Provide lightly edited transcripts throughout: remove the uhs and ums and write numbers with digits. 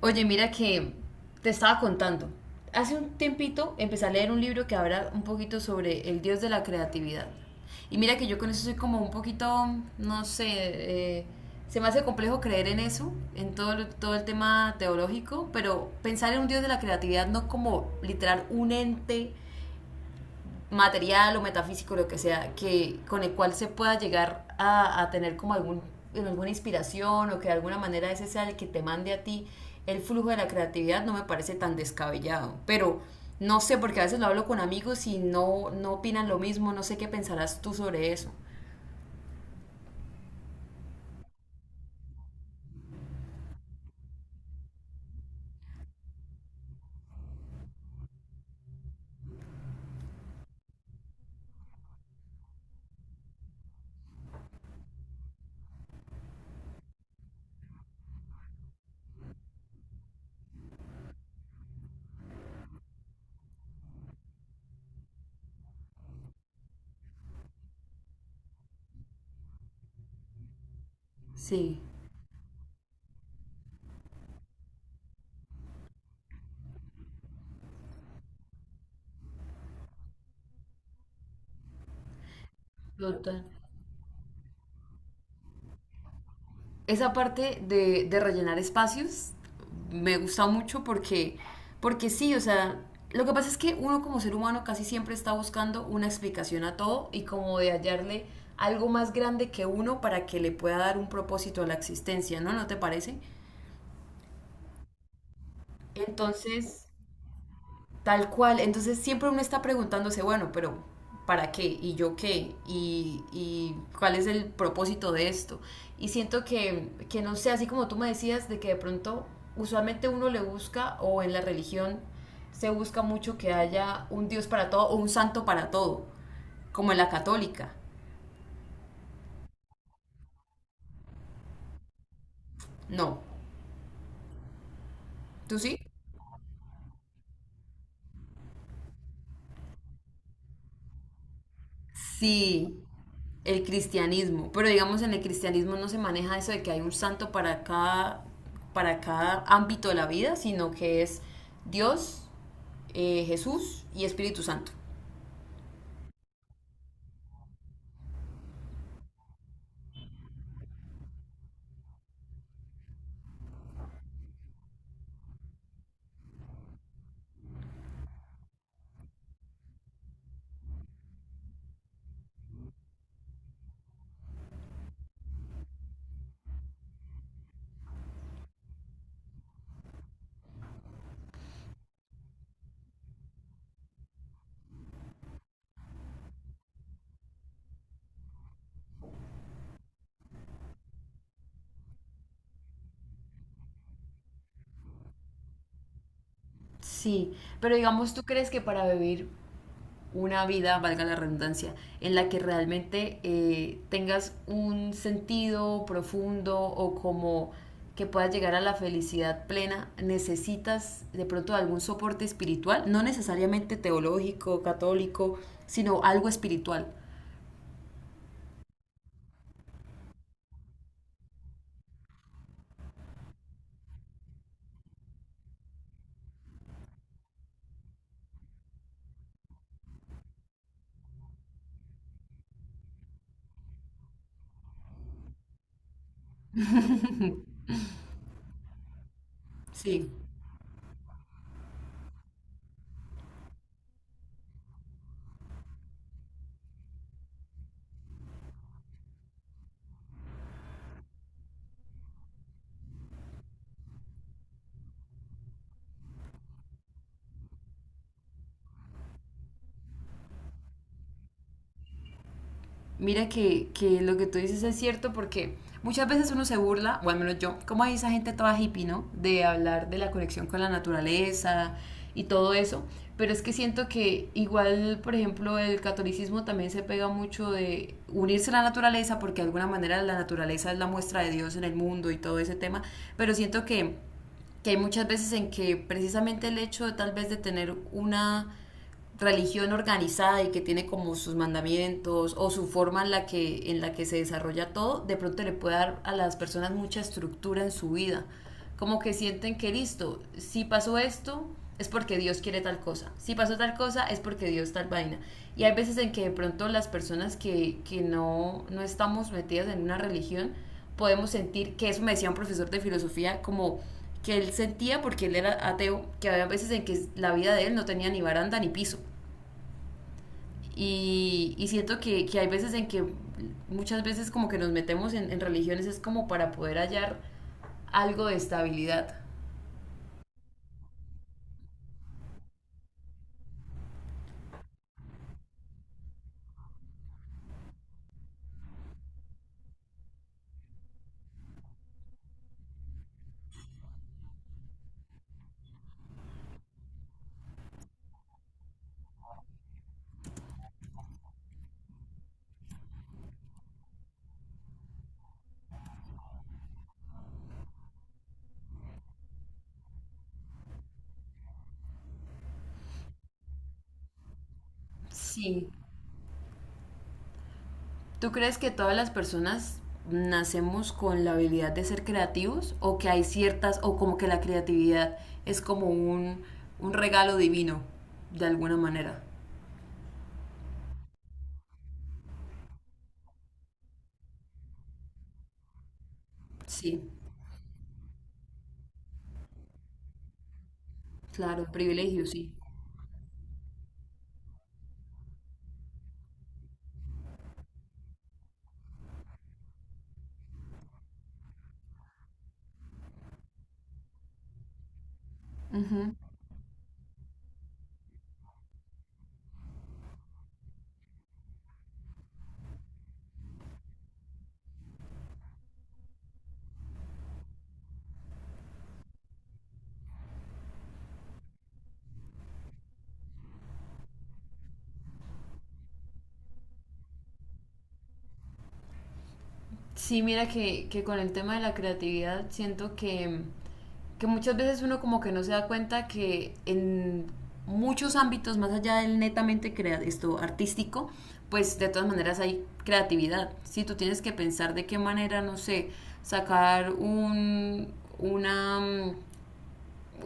Oye, mira que te estaba contando. Hace un tiempito empecé a leer un libro que habla un poquito sobre el dios de la creatividad. Y mira que yo con eso soy como un poquito, no sé, se me hace complejo creer en eso, en todo, todo el tema teológico, pero pensar en un dios de la creatividad no como literal un ente material o metafísico, lo que sea, que, con el cual se pueda llegar a tener como algún, en alguna inspiración o que de alguna manera ese sea el que te mande a ti el flujo de la creatividad, no me parece tan descabellado. Pero no sé, porque a veces lo hablo con amigos y no, no opinan lo mismo, no sé qué pensarás tú sobre eso. Sí, total. Esa parte de rellenar espacios me gusta mucho porque sí, o sea, lo que pasa es que uno como ser humano casi siempre está buscando una explicación a todo y como de hallarle algo más grande que uno para que le pueda dar un propósito a la existencia, ¿no? ¿No te parece? Entonces, Tal cual, entonces siempre uno está preguntándose, bueno, pero ¿para qué? ¿Y yo qué? Y cuál es el propósito de esto? Y siento que, no sé, así como tú me decías, de que de pronto usualmente uno le busca o en la religión se busca mucho que haya un Dios para todo o un santo para todo, como en la católica. No, ¿tú sí? Sí, el cristianismo. Pero digamos, en el cristianismo no se maneja eso de que hay un santo para cada ámbito de la vida, sino que es Dios, Jesús y Espíritu Santo. Sí, pero digamos, ¿tú crees que para vivir una vida, valga la redundancia, en la que realmente tengas un sentido profundo o como que puedas llegar a la felicidad plena, necesitas de pronto algún soporte espiritual, no necesariamente teológico, católico, sino algo espiritual? Sí, mira que lo que tú dices es cierto porque muchas veces uno se burla, o al menos yo, como hay esa gente toda hippie, ¿no? De hablar de la conexión con la naturaleza y todo eso, pero es que siento que igual, por ejemplo, el catolicismo también se pega mucho de unirse a la naturaleza porque de alguna manera la naturaleza es la muestra de Dios en el mundo y todo ese tema, pero siento que hay muchas veces en que precisamente el hecho de, tal vez de tener una religión organizada y que tiene como sus mandamientos o su forma en la que se desarrolla todo, de pronto le puede dar a las personas mucha estructura en su vida. Como que sienten que listo, si pasó esto es porque Dios quiere tal cosa, si pasó tal cosa es porque Dios tal vaina. Y hay veces en que de pronto las personas que no, no estamos metidas en una religión podemos sentir que eso me decía un profesor de filosofía como que él sentía porque él era ateo, que había veces en que la vida de él no tenía ni baranda ni piso. Y siento que hay veces en que muchas veces como que nos metemos en religiones es como para poder hallar algo de estabilidad. Sí. ¿Tú crees que todas las personas nacemos con la habilidad de ser creativos o o como que la creatividad es como un regalo divino, de alguna manera? Sí, claro, privilegio, sí. Ujú. Sí, mira que con el tema de la creatividad siento que muchas veces uno como que no se da cuenta que en muchos ámbitos, más allá del netamente crea esto artístico, pues de todas maneras hay creatividad. Si tú tienes que pensar de qué manera, no sé, sacar una,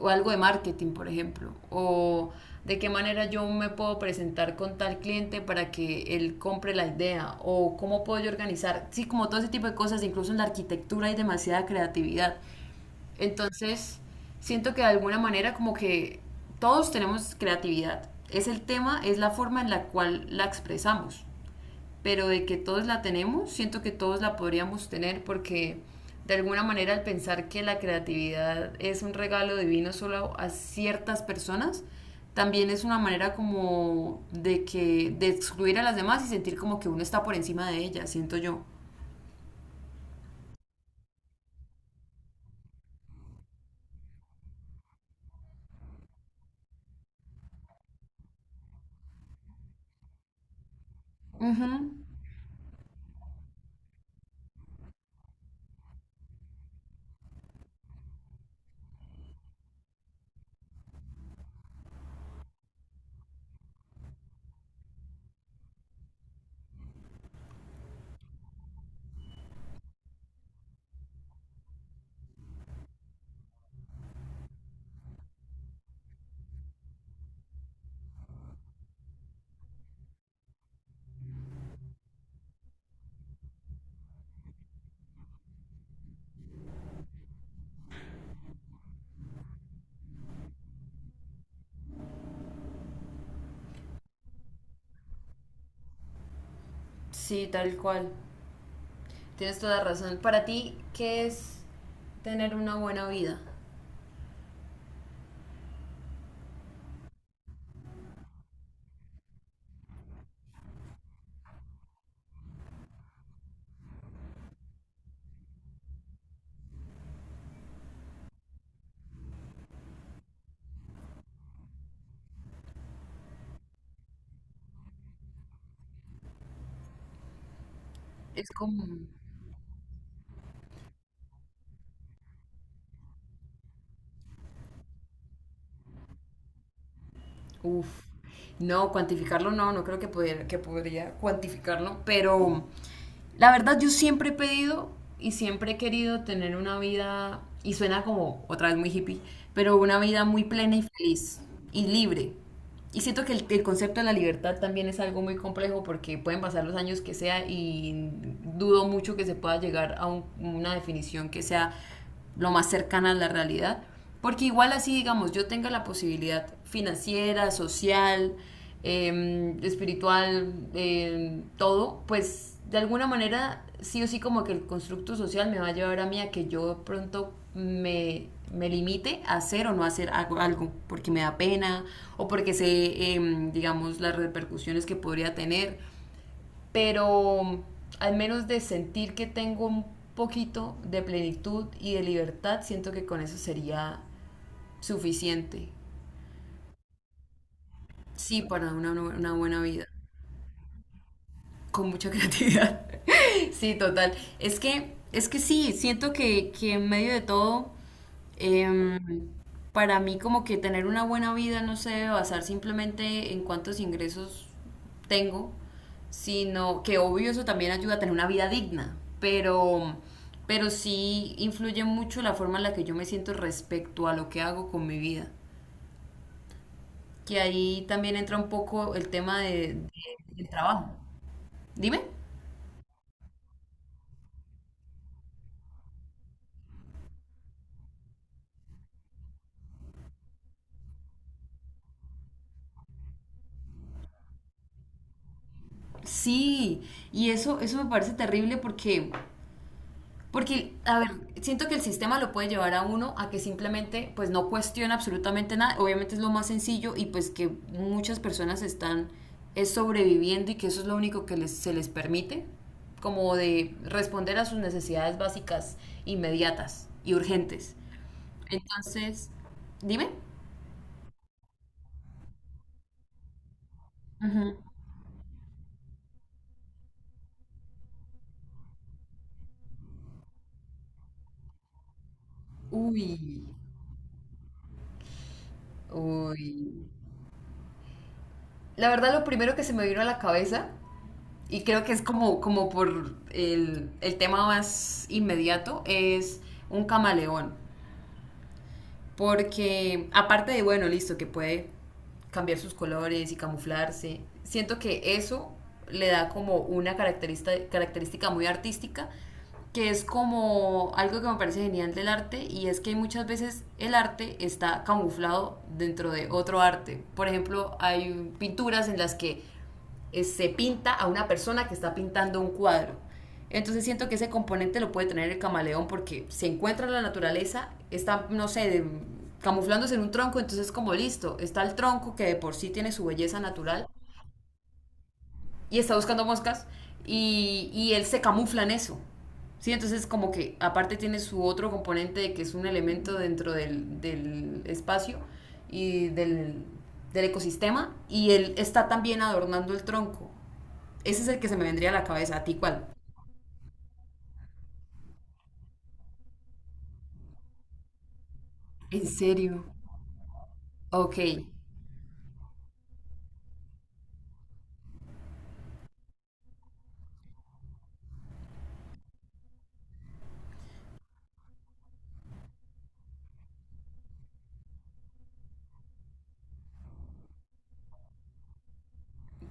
o algo de marketing, por ejemplo, o de qué manera yo me puedo presentar con tal cliente para que él compre la idea, o cómo puedo yo organizar, sí, como todo ese tipo de cosas, incluso en la arquitectura hay demasiada creatividad. Entonces, siento que de alguna manera como que todos tenemos creatividad. Es el tema, es la forma en la cual la expresamos, pero de que todos la tenemos, siento que todos la podríamos tener porque de alguna manera al pensar que la creatividad es un regalo divino solo a ciertas personas, también es una manera como de que de excluir a las demás y sentir como que uno está por encima de ellas, siento yo. Ujú. Sí, tal cual. Tienes toda razón. Para ti, ¿qué es tener una buena vida? Es como. Uf. No, cuantificarlo no, no creo que pudiera, que podría cuantificarlo, pero la verdad yo siempre he pedido y siempre he querido tener una vida, y suena como otra vez muy hippie, pero una vida muy plena y feliz y libre. Y siento que el concepto de la libertad también es algo muy complejo porque pueden pasar los años que sea y dudo mucho que se pueda llegar a una definición que sea lo más cercana a la realidad. Porque igual así, digamos, yo tenga la posibilidad financiera, social, espiritual, todo, pues de alguna manera sí o sí como que el constructo social me va a llevar a mí a que yo pronto me limite a hacer o no hacer algo, porque me da pena o porque sé, digamos, las repercusiones que podría tener, pero al menos de sentir que tengo un poquito de plenitud y de libertad, siento que con eso sería suficiente, sí, para una buena vida. Con mucha creatividad. Sí, total. Es que sí, siento que en medio de todo, em, para mí como que tener una buena vida no se debe basar simplemente en cuántos ingresos tengo, sino que obvio eso también ayuda a tener una vida digna, pero sí influye mucho la forma en la que yo me siento respecto a lo que hago con mi vida, que ahí también entra un poco el tema del trabajo. Dime. Sí, y eso me parece terrible porque, a ver, siento que el sistema lo puede llevar a uno a que simplemente pues no cuestiona absolutamente nada. Obviamente es lo más sencillo y pues que muchas personas están es sobreviviendo y que eso es lo único que les, se les permite, como de responder a sus necesidades básicas inmediatas y urgentes. Entonces, dime. Ujú. Uy, uy. La verdad, lo primero que se me vino a la cabeza y creo que es como por el tema más inmediato, es un camaleón. Porque aparte de, bueno, listo, que puede cambiar sus colores y camuflarse, siento que eso le da como una característica muy artística, que es como algo que me parece genial del arte y es que muchas veces el arte está camuflado dentro de otro arte. Por ejemplo, hay pinturas en las que se pinta a una persona que está pintando un cuadro. Entonces siento que ese componente lo puede tener el camaleón porque se encuentra en la naturaleza, está, no sé, de- camuflándose en un tronco, entonces como listo, está el tronco que de por sí tiene su belleza natural y está buscando moscas y él se camufla en eso. Sí, entonces como que aparte tiene su otro componente de que es un elemento dentro del espacio y del ecosistema y él está también adornando el tronco. Ese es el que se me vendría a la cabeza. ¿A ti cuál? ¿En serio? Ok,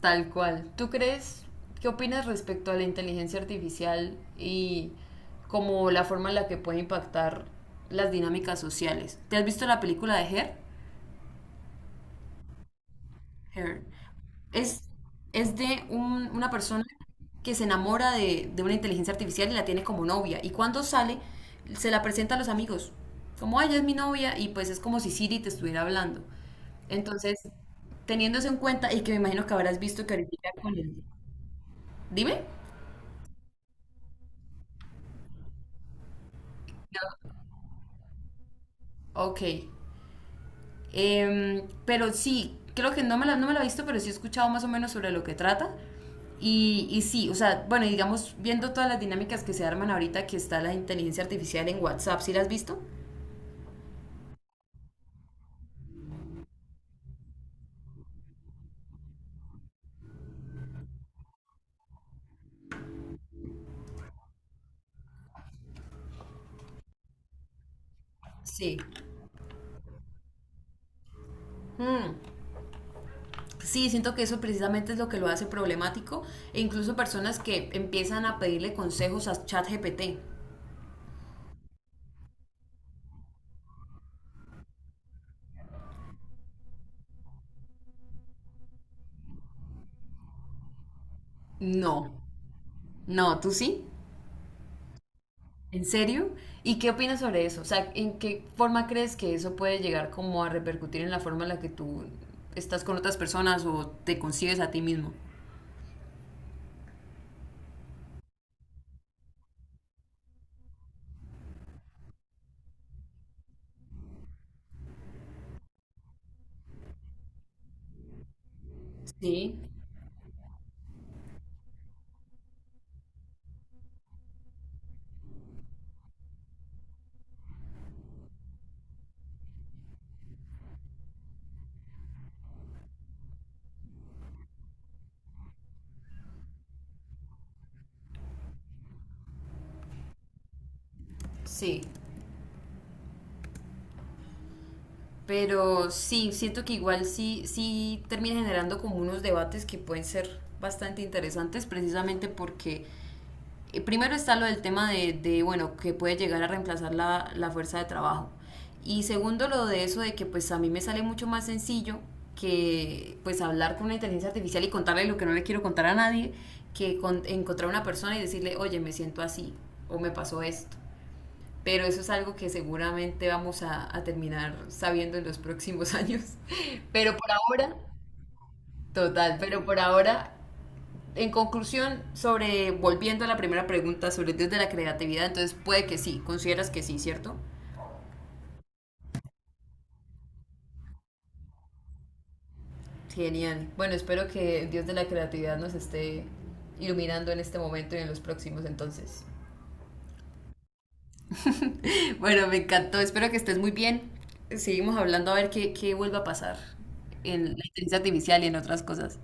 tal cual. ¿Qué opinas respecto a la inteligencia artificial y como la forma en la que puede impactar las dinámicas sociales? ¿Te has visto la película de Her? Her. Es, es de una persona que se enamora de una inteligencia artificial y la tiene como novia. Y cuando sale, se la presenta a los amigos. Como, ay, ella es mi novia. Y pues es como si Siri te estuviera hablando. Entonces, teniendo eso en cuenta, y que me imagino que habrás visto que ahorita con el... Dime. Ok. Pero sí, creo que no me la he visto, pero sí he escuchado más o menos sobre lo que trata. Y sí, o sea, bueno, y digamos, viendo todas las dinámicas que se arman ahorita, que está la inteligencia artificial en WhatsApp, ¿sí la has visto? Sí. Mm, Sí, siento que eso precisamente es lo que lo hace problemático e incluso personas que empiezan a pedirle consejos a ChatGPT. No, no, ¿tú sí? ¿En serio? ¿Y qué opinas sobre eso? O sea, ¿en qué forma crees que eso puede llegar como a repercutir en la forma en la que tú estás con otras personas o te concibes a ti mismo? Sí, sí, pero sí, siento que igual sí, sí termina generando como unos debates que pueden ser bastante interesantes precisamente porque primero está lo del tema de, bueno, que puede llegar a reemplazar la fuerza de trabajo. Y segundo, lo de eso de que pues a mí me sale mucho más sencillo que pues hablar con una inteligencia artificial y contarle lo que no le quiero contar a nadie, que con- encontrar una persona y decirle, oye, me siento así o me pasó esto. Pero eso es algo que seguramente vamos a terminar sabiendo en los próximos años. Pero por ahora, total, pero por ahora en conclusión, sobre volviendo a la primera pregunta sobre el Dios de la creatividad, entonces puede que sí, consideras que sí, ¿cierto? Genial. Bueno, espero que el Dios de la creatividad nos esté iluminando en este momento y en los próximos entonces. Bueno, me encantó, espero que estés muy bien. Seguimos hablando a ver qué vuelve a pasar en la inteligencia artificial y en otras cosas.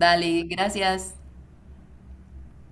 Dale, gracias.